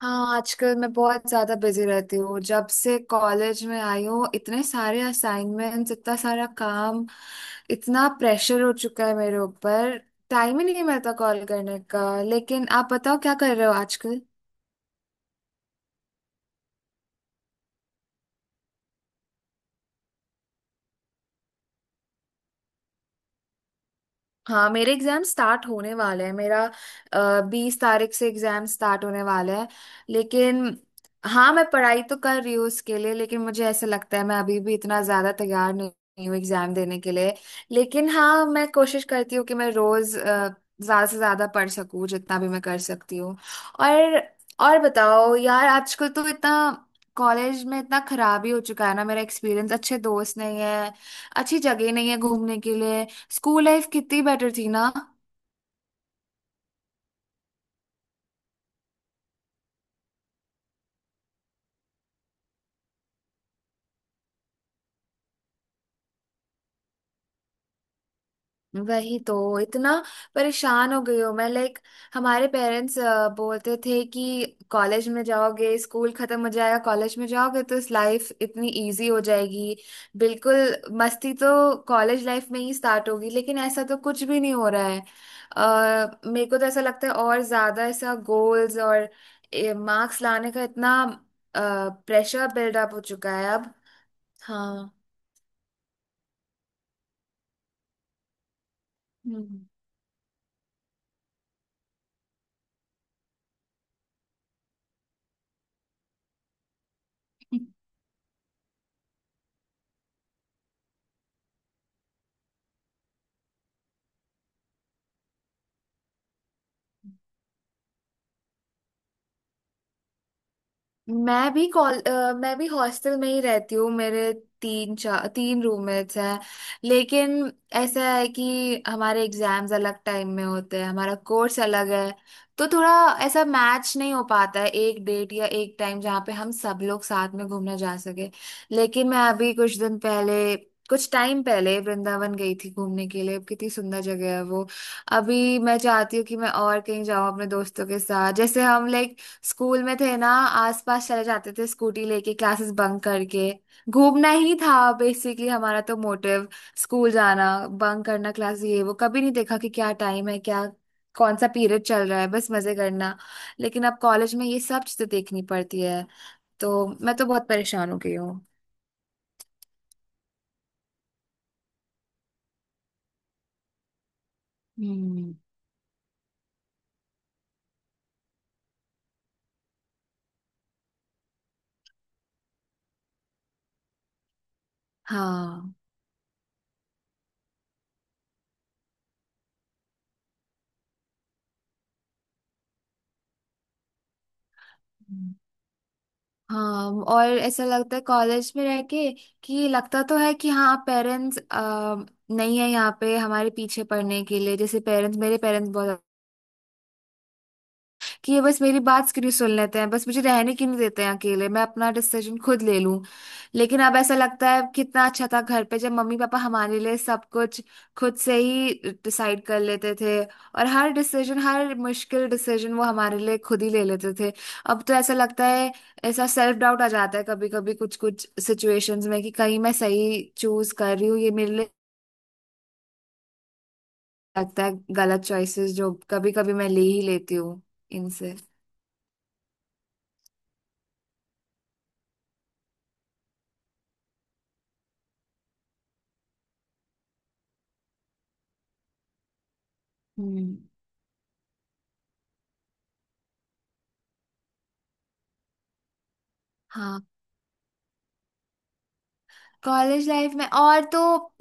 हाँ, आजकल मैं बहुत ज्यादा बिजी रहती हूँ। जब से कॉलेज में आई हूँ इतने सारे असाइनमेंट्स, इतना सारा काम, इतना प्रेशर हो चुका है मेरे ऊपर। टाइम ही नहीं मिलता कॉल करने का। लेकिन आप बताओ क्या कर रहे हो आजकल? हाँ, मेरे एग्जाम स्टार्ट होने वाले हैं। मेरा 20 तारीख से एग्जाम स्टार्ट होने वाला है। लेकिन हाँ, मैं पढ़ाई तो कर रही हूँ उसके लिए, लेकिन मुझे ऐसा लगता है मैं अभी भी इतना ज्यादा तैयार नहीं हूँ एग्जाम देने के लिए। लेकिन हाँ, मैं कोशिश करती हूँ कि मैं रोज ज्यादा से ज्यादा पढ़ सकूँ, जितना भी मैं कर सकती हूँ। और और बताओ यार, आजकल तो इतना कॉलेज में इतना खराब ही हो चुका है ना मेरा एक्सपीरियंस। अच्छे दोस्त नहीं है, अच्छी जगह नहीं है घूमने के लिए। स्कूल लाइफ कितनी बेटर थी ना। वही तो, इतना परेशान हो गई हूँ मैं। लाइक हमारे पेरेंट्स बोलते थे कि कॉलेज में जाओगे स्कूल खत्म हो जाएगा, कॉलेज में जाओगे तो इस लाइफ इतनी इजी हो जाएगी, बिल्कुल मस्ती तो कॉलेज लाइफ में ही स्टार्ट होगी। लेकिन ऐसा तो कुछ भी नहीं हो रहा है। मेरे को तो ऐसा लगता है और ज्यादा ऐसा गोल्स और मार्क्स लाने का इतना प्रेशर बिल्डअप हो चुका है अब। हाँ। हम्म। मैं भी हॉस्टल में ही रहती हूँ। मेरे तीन रूममेट्स हैं। लेकिन ऐसा है कि हमारे एग्जाम्स अलग टाइम में होते हैं, हमारा कोर्स अलग है। तो थोड़ा ऐसा मैच नहीं हो पाता है एक डेट या एक टाइम जहाँ पे हम सब लोग साथ में घूमने जा सके। लेकिन मैं अभी कुछ दिन पहले, कुछ टाइम पहले वृंदावन गई थी घूमने के लिए। कितनी सुंदर जगह है वो। अभी मैं चाहती हूँ कि मैं और कहीं जाऊँ अपने दोस्तों के साथ, जैसे हम लाइक स्कूल में थे ना, आसपास चले जाते थे स्कूटी लेके, क्लासेस बंक करके। घूमना ही था बेसिकली हमारा तो मोटिव, स्कूल जाना, बंक करना क्लास, ये वो कभी नहीं देखा कि क्या टाइम है, क्या कौन सा पीरियड चल रहा है, बस मजे करना। लेकिन अब कॉलेज में ये सब चीजें देखनी पड़ती है। तो मैं तो बहुत परेशान हो गई हूँ। हम्म। हाँ। हाँ, और ऐसा लगता है कॉलेज में रह के कि लगता तो है कि हाँ पेरेंट्स नहीं है यहाँ पे हमारे पीछे पढ़ने के लिए, जैसे पेरेंट्स, मेरे पेरेंट्स बहुत, कि ये बस मेरी बात क्यों नहीं सुन लेते हैं, बस मुझे रहने क्यों नहीं देते हैं अकेले, मैं अपना डिसीजन खुद ले लूं। लेकिन अब ऐसा लगता है कितना अच्छा था घर पे जब मम्मी पापा हमारे लिए सब कुछ खुद से ही डिसाइड कर लेते थे, और हर डिसीजन, हर मुश्किल डिसीजन वो हमारे लिए खुद ही ले लेते थे। अब तो ऐसा लगता है ऐसा सेल्फ डाउट आ जाता है कभी कभी कुछ कुछ सिचुएशंस में कि कहीं मैं सही चूज कर रही हूँ ये मेरे लिए। लगता है गलत चॉइसेस जो कभी कभी मैं ले ही लेती हूँ इनसे। हम्म। हाँ। कॉलेज लाइफ में और तो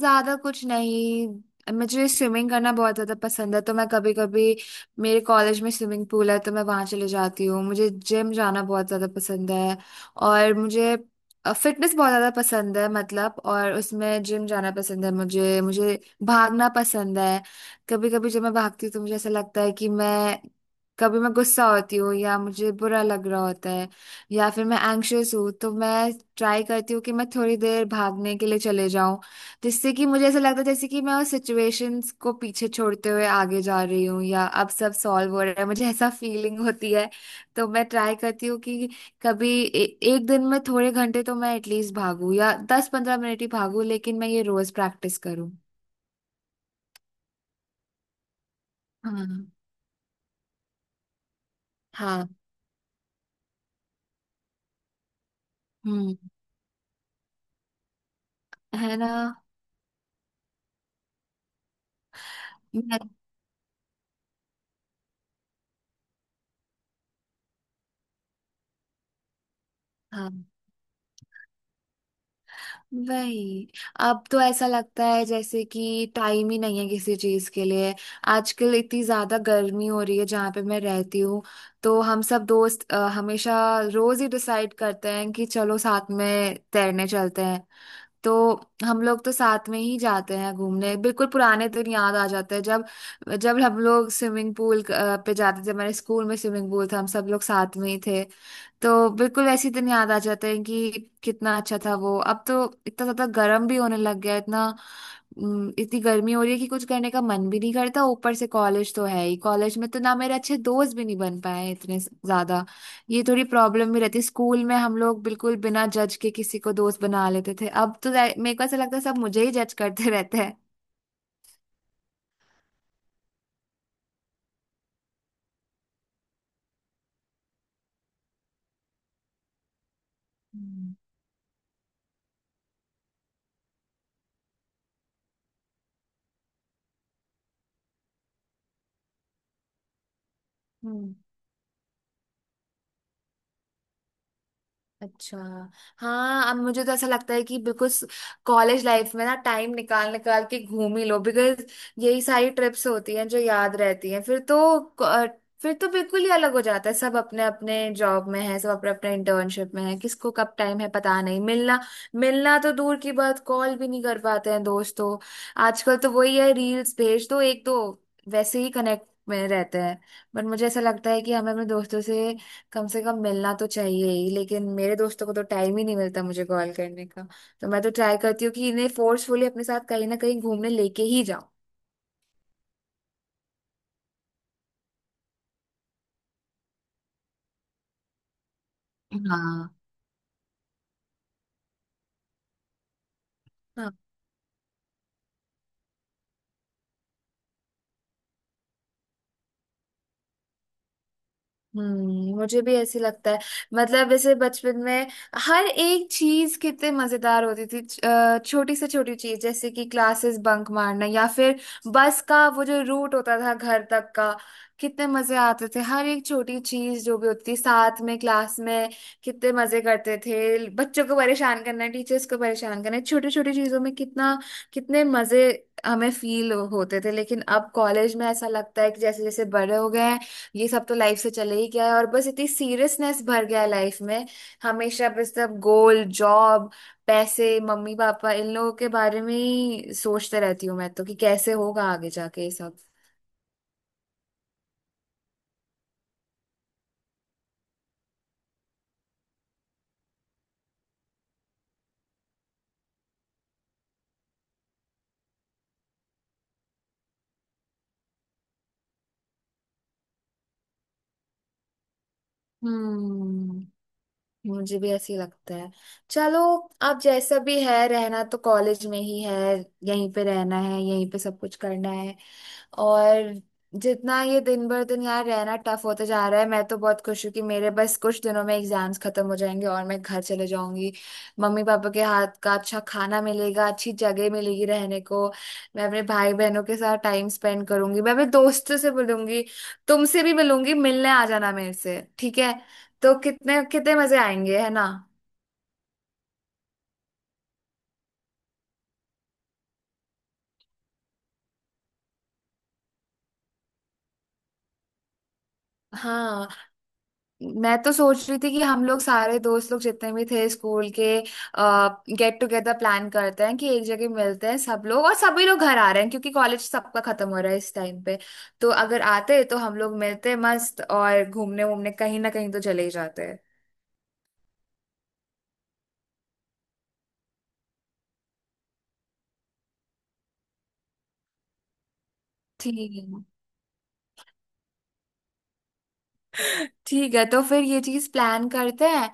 ज्यादा कुछ नहीं। मुझे स्विमिंग करना बहुत ज्यादा पसंद है, तो मैं कभी कभी, मेरे कॉलेज में स्विमिंग पूल है तो मैं वहां चले जाती हूँ। मुझे जिम जाना बहुत ज्यादा पसंद है। और मुझे फिटनेस बहुत ज्यादा पसंद है, मतलब, और उसमें जिम जाना पसंद है मुझे मुझे भागना पसंद है। कभी कभी जब मैं भागती हूँ तो मुझे ऐसा लगता है कि मैं, कभी मैं गुस्सा होती हूँ या मुझे बुरा लग रहा होता है या फिर मैं एंग्शियस हूँ, तो मैं ट्राई करती हूँ कि मैं थोड़ी देर भागने के लिए चले जाऊं, जिससे कि मुझे ऐसा लगता है जैसे कि मैं उस सिचुएशंस को पीछे छोड़ते हुए आगे जा रही हूँ या अब सब सॉल्व हो रहा है, मुझे ऐसा फीलिंग होती है। तो मैं ट्राई करती हूँ कि कभी एक दिन में थोड़े घंटे तो मैं एटलीस्ट भागूं, या 10-15 मिनट ही भागूं, लेकिन मैं ये रोज प्रैक्टिस करूँ। हाँ। हाँ। हम्म। है ना। मैं- हाँ। वही। अब तो ऐसा लगता है जैसे कि टाइम ही नहीं है किसी चीज के लिए। आजकल इतनी ज्यादा गर्मी हो रही है जहाँ पे मैं रहती हूँ। तो हम सब दोस्त हमेशा, रोज ही डिसाइड करते हैं कि चलो साथ में तैरने चलते हैं। तो हम लोग तो साथ में ही जाते हैं घूमने। बिल्कुल पुराने दिन याद आ जाते हैं, जब जब हम लोग स्विमिंग पूल पे जाते थे। हमारे स्कूल में स्विमिंग पूल था, हम सब लोग साथ में ही थे। तो बिल्कुल वैसे ही दिन याद आ जाते हैं कि कितना अच्छा था वो। अब तो इतना ज्यादा गर्म भी होने लग गया है, इतना इतनी गर्मी हो रही है कि कुछ करने का मन भी नहीं करता। ऊपर से कॉलेज तो है ही, कॉलेज में तो ना मेरे अच्छे दोस्त भी नहीं बन पाए हैं इतने ज्यादा। ये थोड़ी प्रॉब्लम भी रहती। स्कूल में हम लोग बिल्कुल बिना जज के किसी को दोस्त बना लेते थे, अब तो मेरे को ऐसा लगता है सब मुझे ही जज करते रहते हैं। हम्म। हम्म। अच्छा। हाँ, अब मुझे तो ऐसा लगता है कि बिल्कुल कॉलेज लाइफ में ना टाइम निकाल निकाल के घूम ही लो, बिकॉज यही सारी ट्रिप्स होती हैं जो याद रहती हैं फिर तो। अ, फिर तो बिल्कुल ही अलग हो जाता है सब, अपने अपने जॉब में है, सब अपने अपने इंटर्नशिप में है, किसको कब टाइम है पता नहीं। मिलना, मिलना तो दूर की बात, कॉल भी नहीं कर पाते हैं दोस्तों। आजकल तो वही है, रील्स भेज दो एक दो, वैसे ही कनेक्ट में रहते हैं। बट मुझे ऐसा लगता है कि हमें अपने दोस्तों से कम मिलना तो चाहिए ही। लेकिन मेरे दोस्तों को तो टाइम ही नहीं मिलता मुझे कॉल करने का। तो मैं तो ट्राई करती हूँ कि इन्हें फोर्सफुली अपने साथ कहीं ना कहीं घूमने लेके ही जाऊं। हाँ। हम्म, मुझे भी ऐसे लगता है, मतलब जैसे बचपन में हर एक चीज कितने मजेदार होती थी, छोटी से छोटी चीज, जैसे कि क्लासेस बंक मारना या फिर बस का वो जो रूट होता था घर तक का, कितने मजे आते थे। हर एक छोटी चीज जो भी होती थी साथ में क्लास में कितने मजे करते थे, बच्चों को परेशान करना, टीचर्स को परेशान करना, छोटी छोटी चीजों में कितना, कितने मजे हमें फील होते थे। लेकिन अब कॉलेज में ऐसा लगता है कि जैसे जैसे बड़े हो गए हैं, ये सब तो लाइफ से चले ही गया है और बस इतनी सीरियसनेस भर गया है लाइफ में, हमेशा बस सब गोल, जॉब, पैसे, मम्मी पापा, इन लोगों के बारे में ही सोचते रहती हूँ मैं तो कि कैसे होगा आगे जाके ये सब। हम्म, मुझे भी ऐसे ही लगता है। चलो, आप जैसा भी है, रहना तो कॉलेज में ही है, यहीं पे रहना है, यहीं पे सब कुछ करना है। और जितना ये दिन भर दिन यार रहना टफ होता जा रहा है, मैं तो बहुत खुश हूँ कि मेरे बस कुछ दिनों में एग्जाम्स खत्म हो जाएंगे और मैं घर चले जाऊंगी। मम्मी पापा के हाथ का अच्छा खाना मिलेगा, अच्छी जगह मिलेगी रहने को। मैं अपने भाई बहनों के साथ टाइम स्पेंड करूंगी, मैं अपने दोस्तों से मिलूंगी, तुमसे भी मिलूंगी। मिलने आ जाना मेरे से, ठीक है? तो कितने कितने मजे आएंगे, है ना। हाँ, मैं तो सोच रही थी कि हम लोग सारे दोस्त लोग जितने भी थे स्कूल के, गेट टुगेदर प्लान करते हैं कि एक जगह मिलते हैं सब लोग। और सभी लोग घर आ रहे हैं क्योंकि कॉलेज सबका खत्म हो रहा है इस टाइम पे। तो अगर आते तो हम लोग मिलते मस्त, और घूमने वूमने कहीं ना कहीं तो चले ही जाते हैं। ठीक है। ठीक है, तो फिर ये चीज प्लान करते हैं।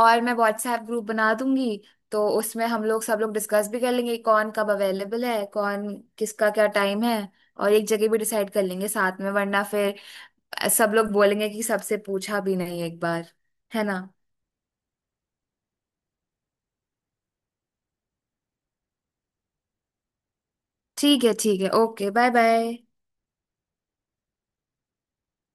और मैं व्हाट्सएप ग्रुप बना दूंगी, तो उसमें हम लोग सब लोग डिस्कस भी कर लेंगे, कौन कब अवेलेबल है, कौन किसका क्या टाइम है। और एक जगह भी डिसाइड कर लेंगे साथ में वरना फिर सब लोग बोलेंगे कि सबसे पूछा भी नहीं एक बार। है ना? ठीक है, ठीक है, ओके। Bye bye.